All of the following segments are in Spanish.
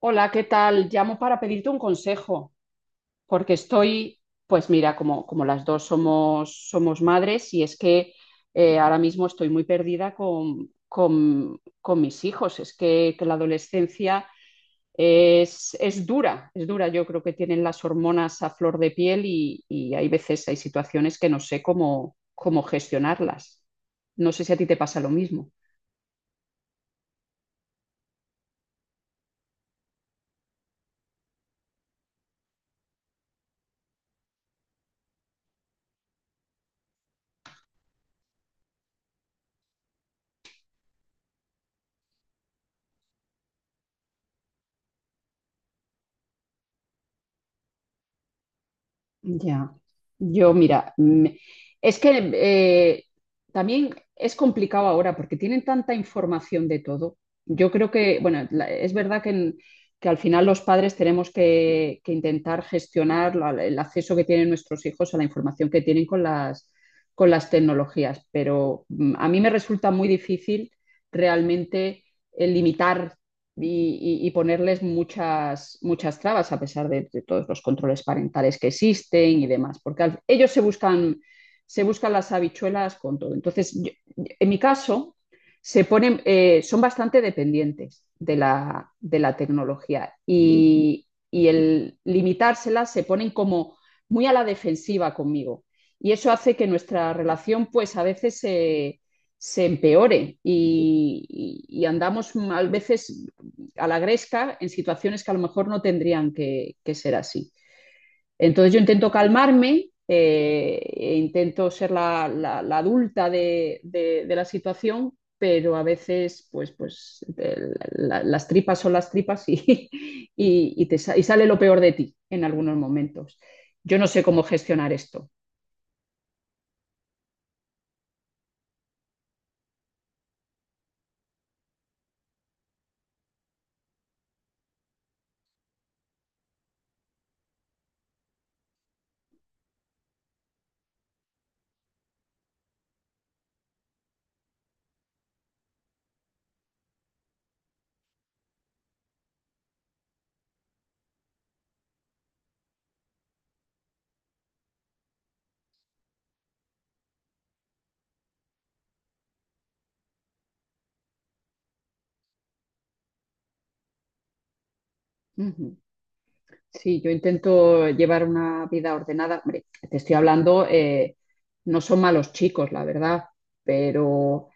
Hola, ¿qué tal? Llamo para pedirte un consejo, porque estoy, pues mira, como las dos somos madres y es que ahora mismo estoy muy perdida con mis hijos. Es que la adolescencia es dura, es dura. Yo creo que tienen las hormonas a flor de piel y hay veces, hay situaciones que no sé cómo gestionarlas. No sé si a ti te pasa lo mismo. Ya, yo mira, es que también es complicado ahora porque tienen tanta información de todo. Yo creo que, bueno, es verdad que, que al final los padres tenemos que intentar gestionar el acceso que tienen nuestros hijos a la información que tienen con con las tecnologías, pero a mí me resulta muy difícil realmente limitar y ponerles muchas trabas a pesar de todos los controles parentales que existen y demás, porque ellos se buscan las habichuelas con todo. Entonces, en mi caso, se ponen, son bastante dependientes de de la tecnología y el limitársela se ponen como muy a la defensiva conmigo. Y eso hace que nuestra relación, pues a veces se empeore y andamos a veces a la gresca en situaciones que a lo mejor no tendrían que ser así. Entonces yo intento calmarme, e intento ser la adulta de la situación, pero a veces pues, pues las tripas son las tripas y, sale lo peor de ti en algunos momentos. Yo no sé cómo gestionar esto. Uh -huh. Sí, yo intento llevar una vida ordenada. Hombre, te estoy hablando, no son malos chicos, la verdad, pero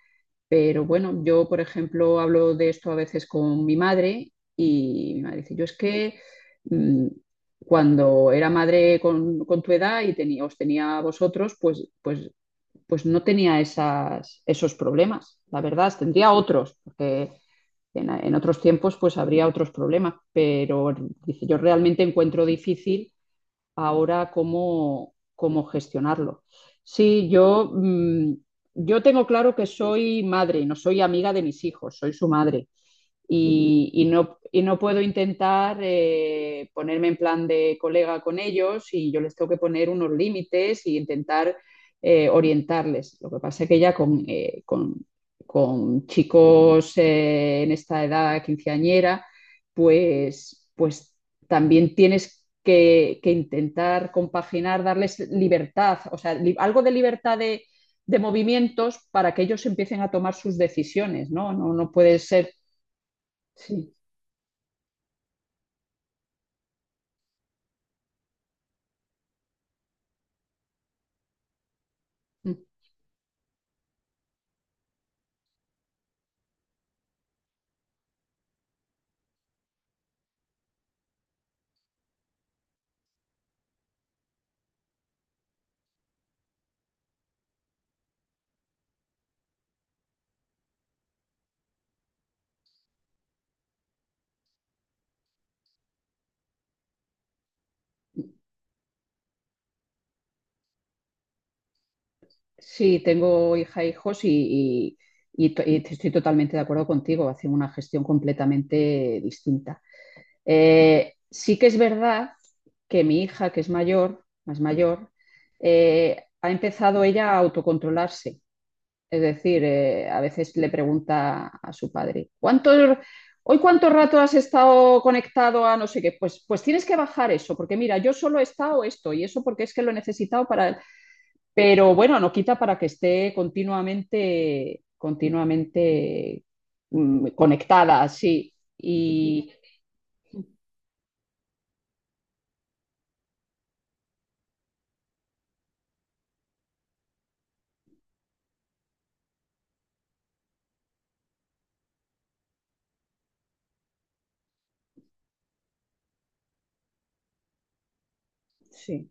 Pero bueno, yo, por ejemplo, hablo de esto a veces con mi madre y mi madre dice, yo es que mm, cuando era madre con tu edad y tenía, os tenía a vosotros, pues no tenía esas, esos problemas. La verdad, tendría otros, porque en otros tiempos pues habría otros problemas, pero dice, yo realmente encuentro difícil ahora cómo, cómo gestionarlo. Sí, yo, yo tengo claro que soy madre, no soy amiga de mis hijos, soy su madre y no puedo intentar ponerme en plan de colega con ellos y yo les tengo que poner unos límites y intentar orientarles. Lo que pasa es que ya con, con chicos en esta edad quinceañera, pues también tienes que intentar compaginar, darles libertad, o sea, li algo de libertad de movimientos para que ellos empiecen a tomar sus decisiones, ¿no? No, no puede ser. Sí. Sí, tengo hija e hijos y, y estoy totalmente de acuerdo contigo, hacen una gestión completamente distinta. Sí que es verdad que mi hija, que es mayor, más mayor, ha empezado ella a autocontrolarse. Es decir, a veces le pregunta a su padre, ¿cuánto, hoy cuánto rato has estado conectado a no sé qué? Pues, pues tienes que bajar eso, porque mira, yo solo he estado esto y eso porque es que lo he necesitado para. Pero bueno, no quita para que esté continuamente, continuamente conectada, sí. Y, sí.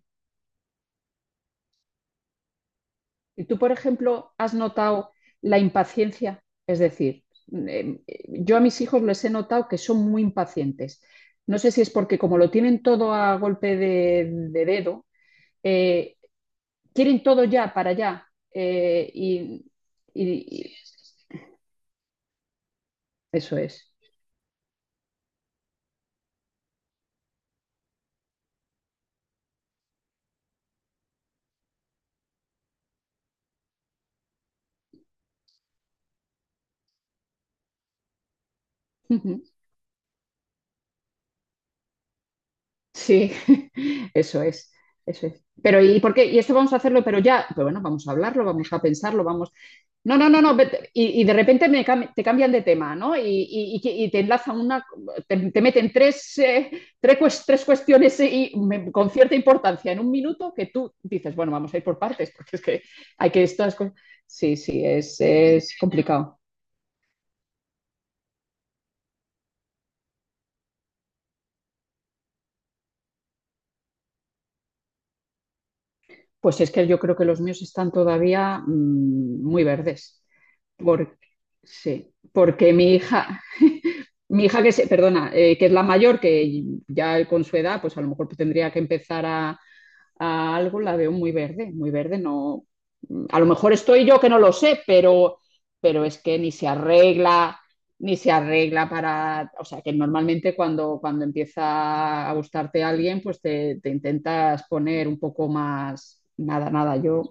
¿Y tú, por ejemplo, has notado la impaciencia? Es decir, eh, yo a mis hijos les he notado que son muy impacientes. No sé si es porque como lo tienen todo a golpe de dedo, eh, quieren todo ya para allá. eh, y, y- y- eso es. Sí, eso es, eso es. Pero, ¿y por qué? Y esto vamos a hacerlo, pero ya, pero bueno, vamos a hablarlo, vamos a pensarlo, vamos. No, no, no, no. Y de repente me cam- te cambian de tema, ¿no? Y y te enlazan una, te meten tres, tres cuestiones con cierta importancia en un minuto que tú dices, bueno, vamos a ir por partes, porque es que hay que estas cosas. Sí, sí, es complicado. Pues es que yo creo que los míos están todavía muy verdes. Porque, sí, porque mi hija que se, perdona, que es la mayor, que ya con su edad, pues a lo mejor tendría que empezar a algo la veo muy verde, no. A lo mejor estoy yo que no lo sé, pero es que ni se arregla, ni se arregla para. O sea, que normalmente cuando, cuando empieza a gustarte alguien, pues te intentas poner un poco más. Nada, nada, yo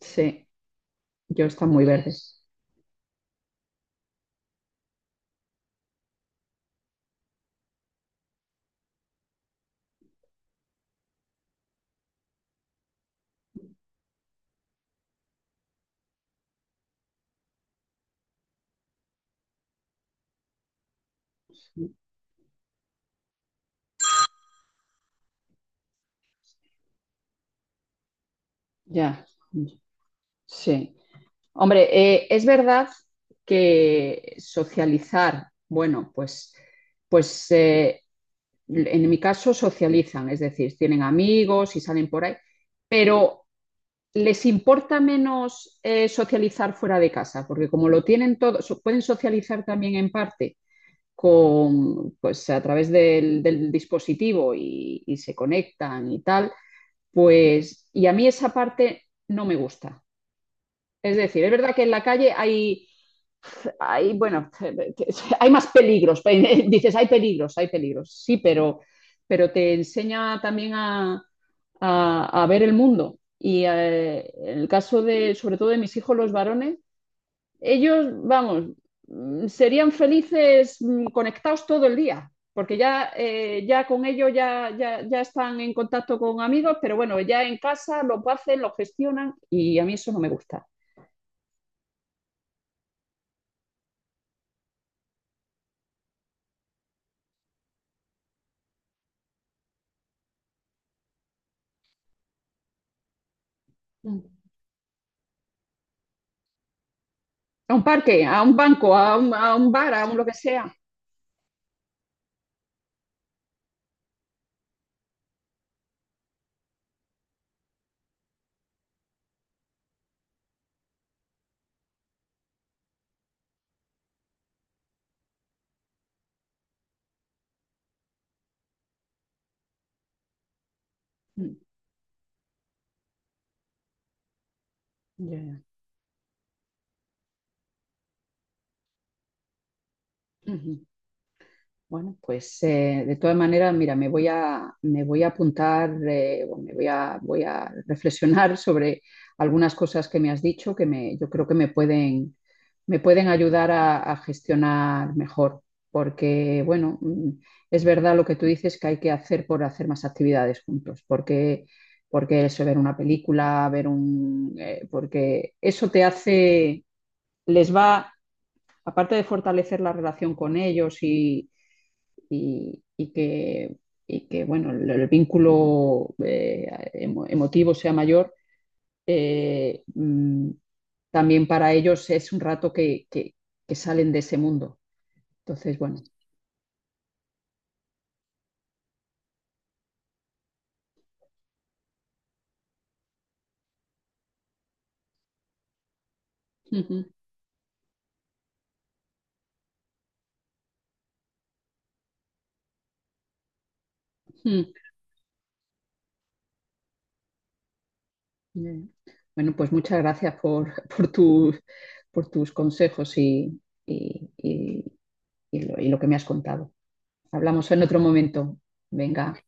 sí, yo está muy verde. Ya, sí. Hombre, es verdad que socializar, bueno, pues en mi caso, socializan, es decir, tienen amigos y salen por ahí, pero les importa menos socializar fuera de casa, porque como lo tienen todo, so, pueden socializar también en parte con, pues, a través del dispositivo y, se conectan y tal, pues, y a mí esa parte no me gusta. Es decir, es verdad que en la calle hay, hay bueno, hay más peligros. Dices, hay peligros, hay peligros. Sí, pero te enseña también a, a ver el mundo. Y en el caso de, sobre todo de mis hijos, los varones, ellos, vamos, serían felices conectados todo el día, porque ya, ya con ellos ya están en contacto con amigos, pero bueno, ya en casa lo hacen, lo gestionan y a mí eso no me gusta. Mm. A un parque, a un banco, a un bar, a un lo que sea. Mm. Ya, ya. Ujú. Bueno, pues de todas maneras, mira, me voy a apuntar, o me voy a, voy a reflexionar sobre algunas cosas que me has dicho que me, yo creo que me pueden ayudar a gestionar mejor, porque bueno, es verdad lo que tú dices que hay que hacer por hacer más actividades juntos, porque, porque eso, ver una película, ver un, porque eso te hace, les va aparte de fortalecer la relación con ellos y y, y que, y que, bueno, el vínculo emotivo sea mayor, eh, mm, también para ellos es un rato que salen de ese mundo. Entonces, bueno. Ujú, ujú. Bien. Bueno, pues muchas gracias por, por tus consejos y, y- y- y lo que me has contado. Hablamos en otro momento. Venga.